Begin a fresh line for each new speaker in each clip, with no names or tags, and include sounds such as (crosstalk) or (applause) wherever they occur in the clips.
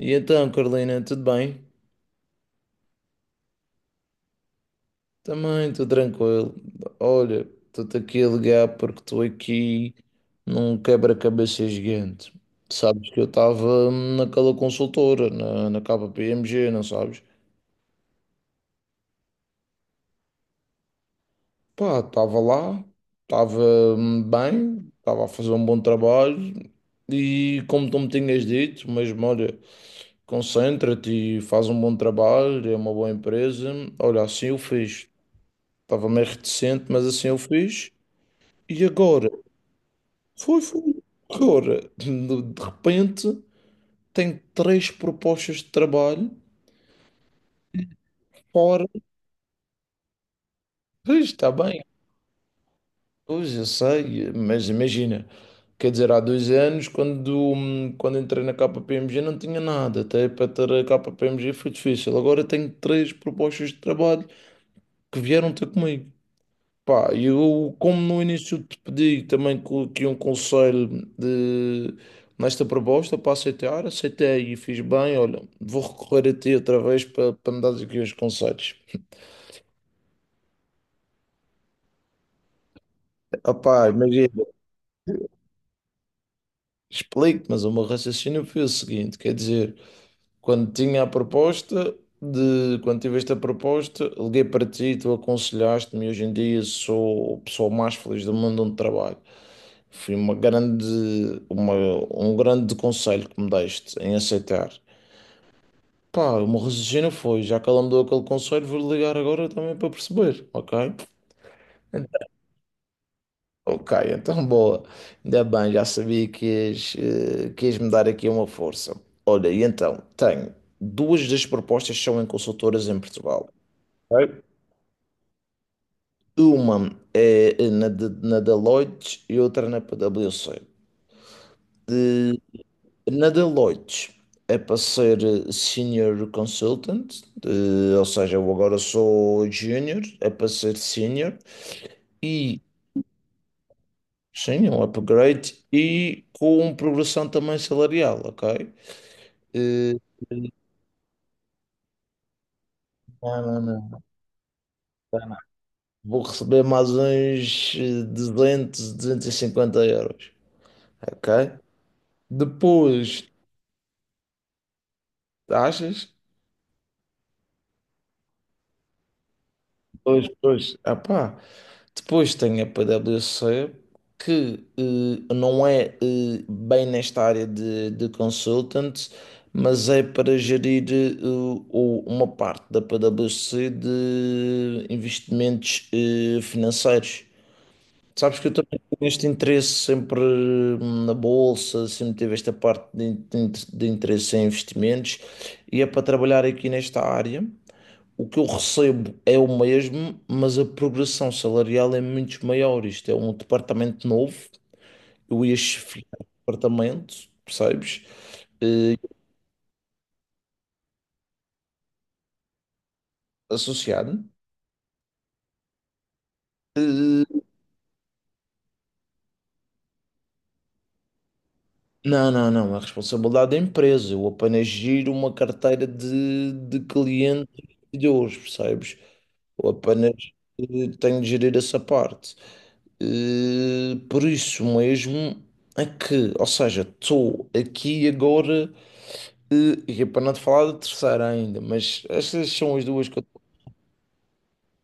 E então, Carolina, tudo bem? Também, estou tranquilo. Olha, estou-te aqui a ligar porque estou aqui num quebra-cabeça gigante. Sabes que eu estava naquela consultora, na KPMG, não sabes? Pá, estava lá, estava bem, estava a fazer um bom trabalho e como tu me tinhas dito, mesmo, olha, concentra-te e faz um bom trabalho, é uma boa empresa. Olha, assim eu fiz. Estava meio reticente, mas assim eu fiz. E agora, foi, foi. Agora, de repente, tem três propostas de trabalho fora. Pois, está bem, pois eu sei, mas imagina, quer dizer, há dois anos, quando entrei na KPMG, não tinha nada. Até para ter a KPMG foi difícil. Agora tenho três propostas de trabalho que vieram ter comigo. Pá, eu, como no início te pedi também aqui um conselho de, nesta proposta para aceitar, aceitei e fiz bem. Olha, vou recorrer a ti outra vez para me dar aqui uns conselhos. Ah, pá, imagina, explico, mas o meu raciocínio foi o seguinte: quer dizer, quando tinha a proposta, quando tive esta proposta, liguei para ti, tu aconselhaste-me, e hoje em dia sou a pessoa mais feliz do mundo onde trabalho. Foi uma, um grande conselho que me deste em aceitar. Pá, o meu raciocínio foi, já que ela me deu aquele conselho, vou ligar agora também para perceber, ok? Ok, então boa. Ainda bem, já sabia que ias me dar aqui uma força. Olha, e então, tenho duas das propostas que são em consultoras em Portugal. Ok. Uma é na Deloitte e outra na PwC. De- Na Deloitte é para ser Senior Consultant. Ou seja, eu agora sou Junior, é para ser Senior e sim, é um upgrade e com progressão também salarial, ok? Eh, não, não, não. Vou receber mais uns 200, 250 euros. Ok? Depois, achas? Depois, ah pá. Depois tem a PwC, que não é bem nesta área de, consultant, mas é para gerir uma parte da PwC de investimentos financeiros. Sabes que eu também tenho este interesse sempre na bolsa, sempre tive esta parte de interesse em investimentos e é para trabalhar aqui nesta área. O que eu recebo é o mesmo, mas a progressão salarial é muito maior. Isto é um departamento novo, eu ia chefiar o departamento, percebes? Eh, Associado. Eh, Não, não, não, é a responsabilidade da empresa. Eu apenas giro uma carteira de clientes e de hoje, percebes? Eu apenas tenho de gerir essa parte. Por isso mesmo é que, ou seja, estou aqui agora, e é para não te falar da terceira ainda, mas estas são as duas que eu estou,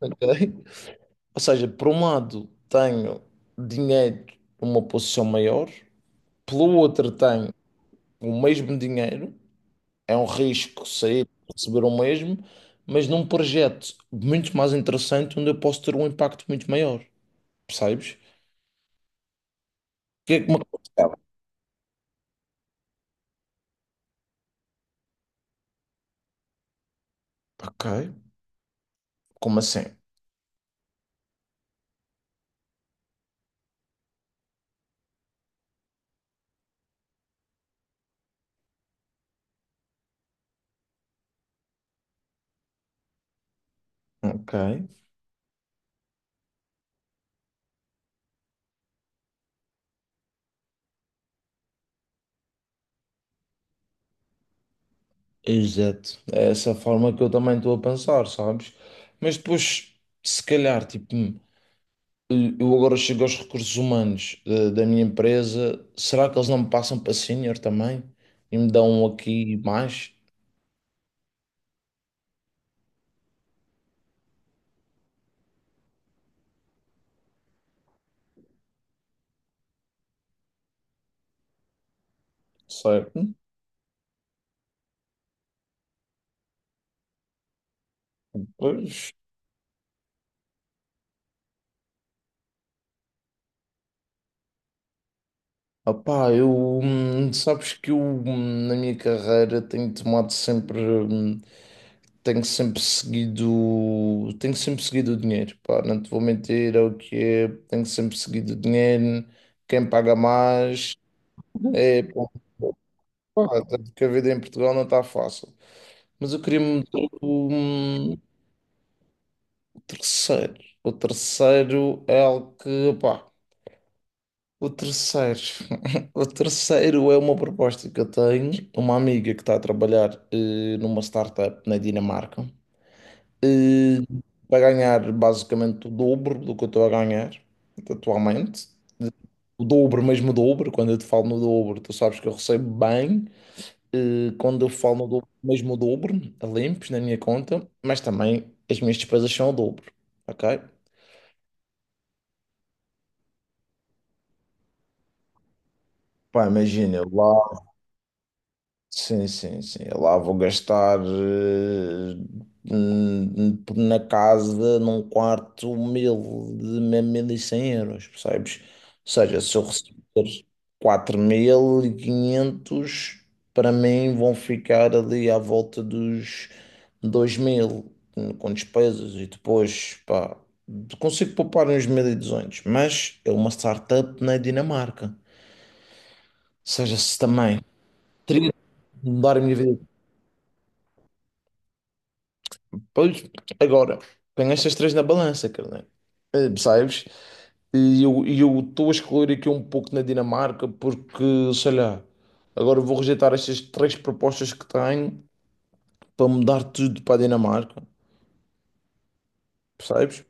ok? (laughs) Ou seja, por um lado tenho dinheiro numa posição maior, pelo outro tenho o mesmo dinheiro, é um risco sair e receber o mesmo, mas num projeto muito mais interessante onde eu posso ter um impacto muito maior, percebes? Que é que me aconteceu? Ok, como assim? Ok, exato. É essa a forma que eu também estou a pensar, sabes? Mas depois, se calhar, tipo, eu agora chego aos recursos humanos da minha empresa, será que eles não me passam para senior também? E me dão aqui mais? Certo? Pois. Opá, eu, sabes que eu, na minha carreira, tenho tomado sempre, tenho sempre seguido o dinheiro, pá, não te vou mentir, é o que é, tenho sempre seguido o dinheiro, quem paga mais, é, pá, tanto a vida em Portugal não está fácil. Mas eu queria me o terceiro, o terceiro é algo que, pá, o terceiro, (laughs) o terceiro é uma proposta que eu tenho, uma amiga que está a trabalhar numa startup na Dinamarca, eh, para ganhar basicamente o dobro do que eu estou a ganhar atualmente. O dobro, mesmo o dobro, quando eu te falo no dobro, tu sabes que eu recebo bem. Quando eu falo no dobro, mesmo o dobro, a limpos na minha conta, mas também as minhas despesas são o dobro, ok? Pá, imagina, lá. Sim, sim, sim. Eu lá vou gastar na casa, num quarto, 1.100 euros, percebes? Ou seja, se eu receber 4.500, para mim vão ficar ali à volta dos 2.000, com despesas e depois, pá, consigo poupar uns 1.200, mas é uma startup na Dinamarca. Ou seja, se também teria de mudar a minha vida. Pois, agora, tenho estas três na balança, carnal. Percebes? E eu estou a escolher aqui um pouco na Dinamarca porque, sei lá, agora vou rejeitar estas três propostas que tenho para mudar tudo para a Dinamarca. Percebes?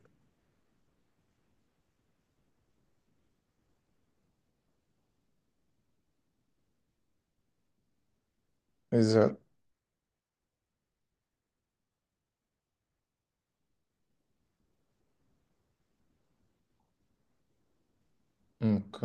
Exato. Ok.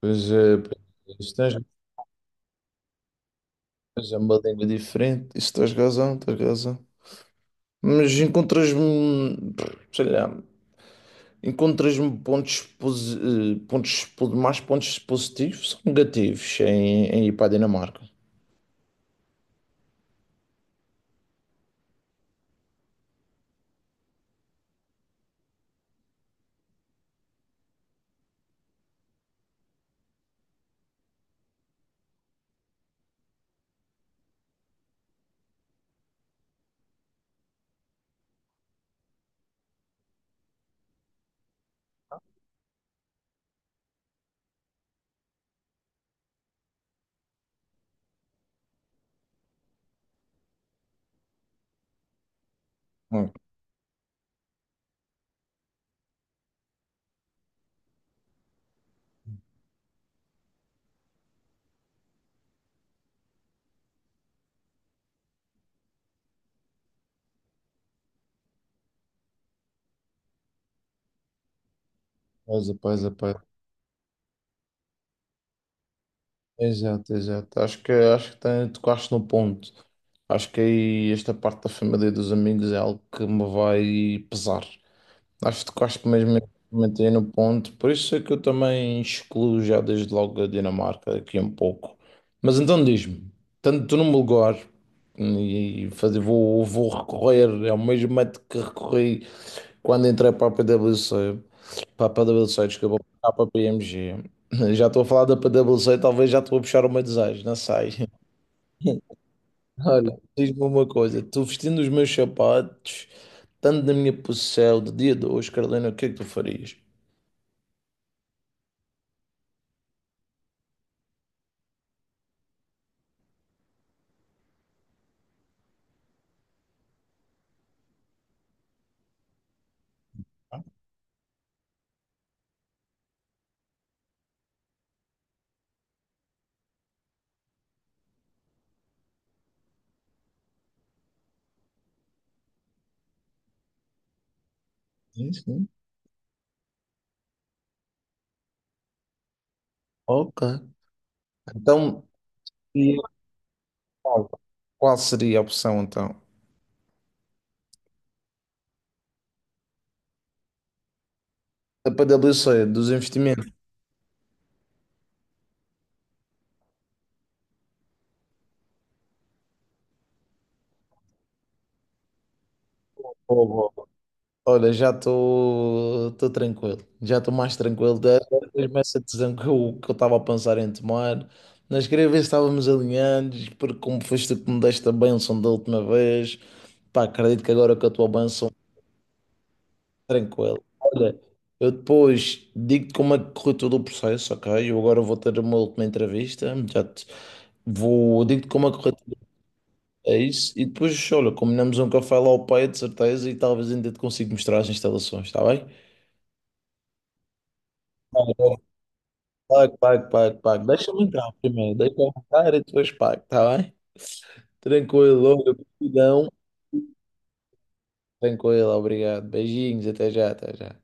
Pois é, tens, pois é uma língua diferente. Isso tens razão, tens razão. Mas encontras-me, sei lá. Encontras-me pontos, pontos, mais pontos positivos ou negativos em ir para a Dinamarca? Hum, Pois é, pois é, pois é. Exato, exato. Acho que tocaste no ponto. Acho que aí esta parte da família e dos amigos é algo que me vai pesar. Acho que mesmo eu comentei no ponto, por isso é que eu também excluo já desde logo a Dinamarca aqui um pouco. Mas então diz-me, tanto num lugar e fazer, vou recorrer é o mesmo método que recorri quando entrei para a PwC, desculpa, para a PPMG. Já estou a falar da PwC, talvez já estou a puxar o meu desejo, não sei. (laughs) Olha, diz-me uma coisa, estou vestindo os meus sapatos, tanto na minha posição de dia de hoje, Carolina, o que é que tu farias? Tá? Sim, sim. Ok. Então, e, qual seria a opção então? A PwC dos investimentos. Olha, já estou tranquilo, já estou mais tranquilo. Da mesma essa decisão que eu estava a pensar em tomar, mas queria ver se estávamos alinhados, porque como foste tu que me deste a bênção da última vez, pá, acredito que agora com a tua bênção, tranquilo. Olha, eu depois digo-te como é que correu todo o processo, ok? Eu agora vou ter uma última entrevista, já te vou, digo-te como é que correu tudo isso, e depois, olha, combinamos um café lá ao pé, de certeza, e talvez ainda te consiga mostrar as instalações, está bem? Pago, pago, pago, pago. Deixa-me entrar primeiro, deixa-me entrar e depois pago, tá bem? Tranquilo, olha, gratidão. Tranquilo, obrigado. Beijinhos, até já, até já.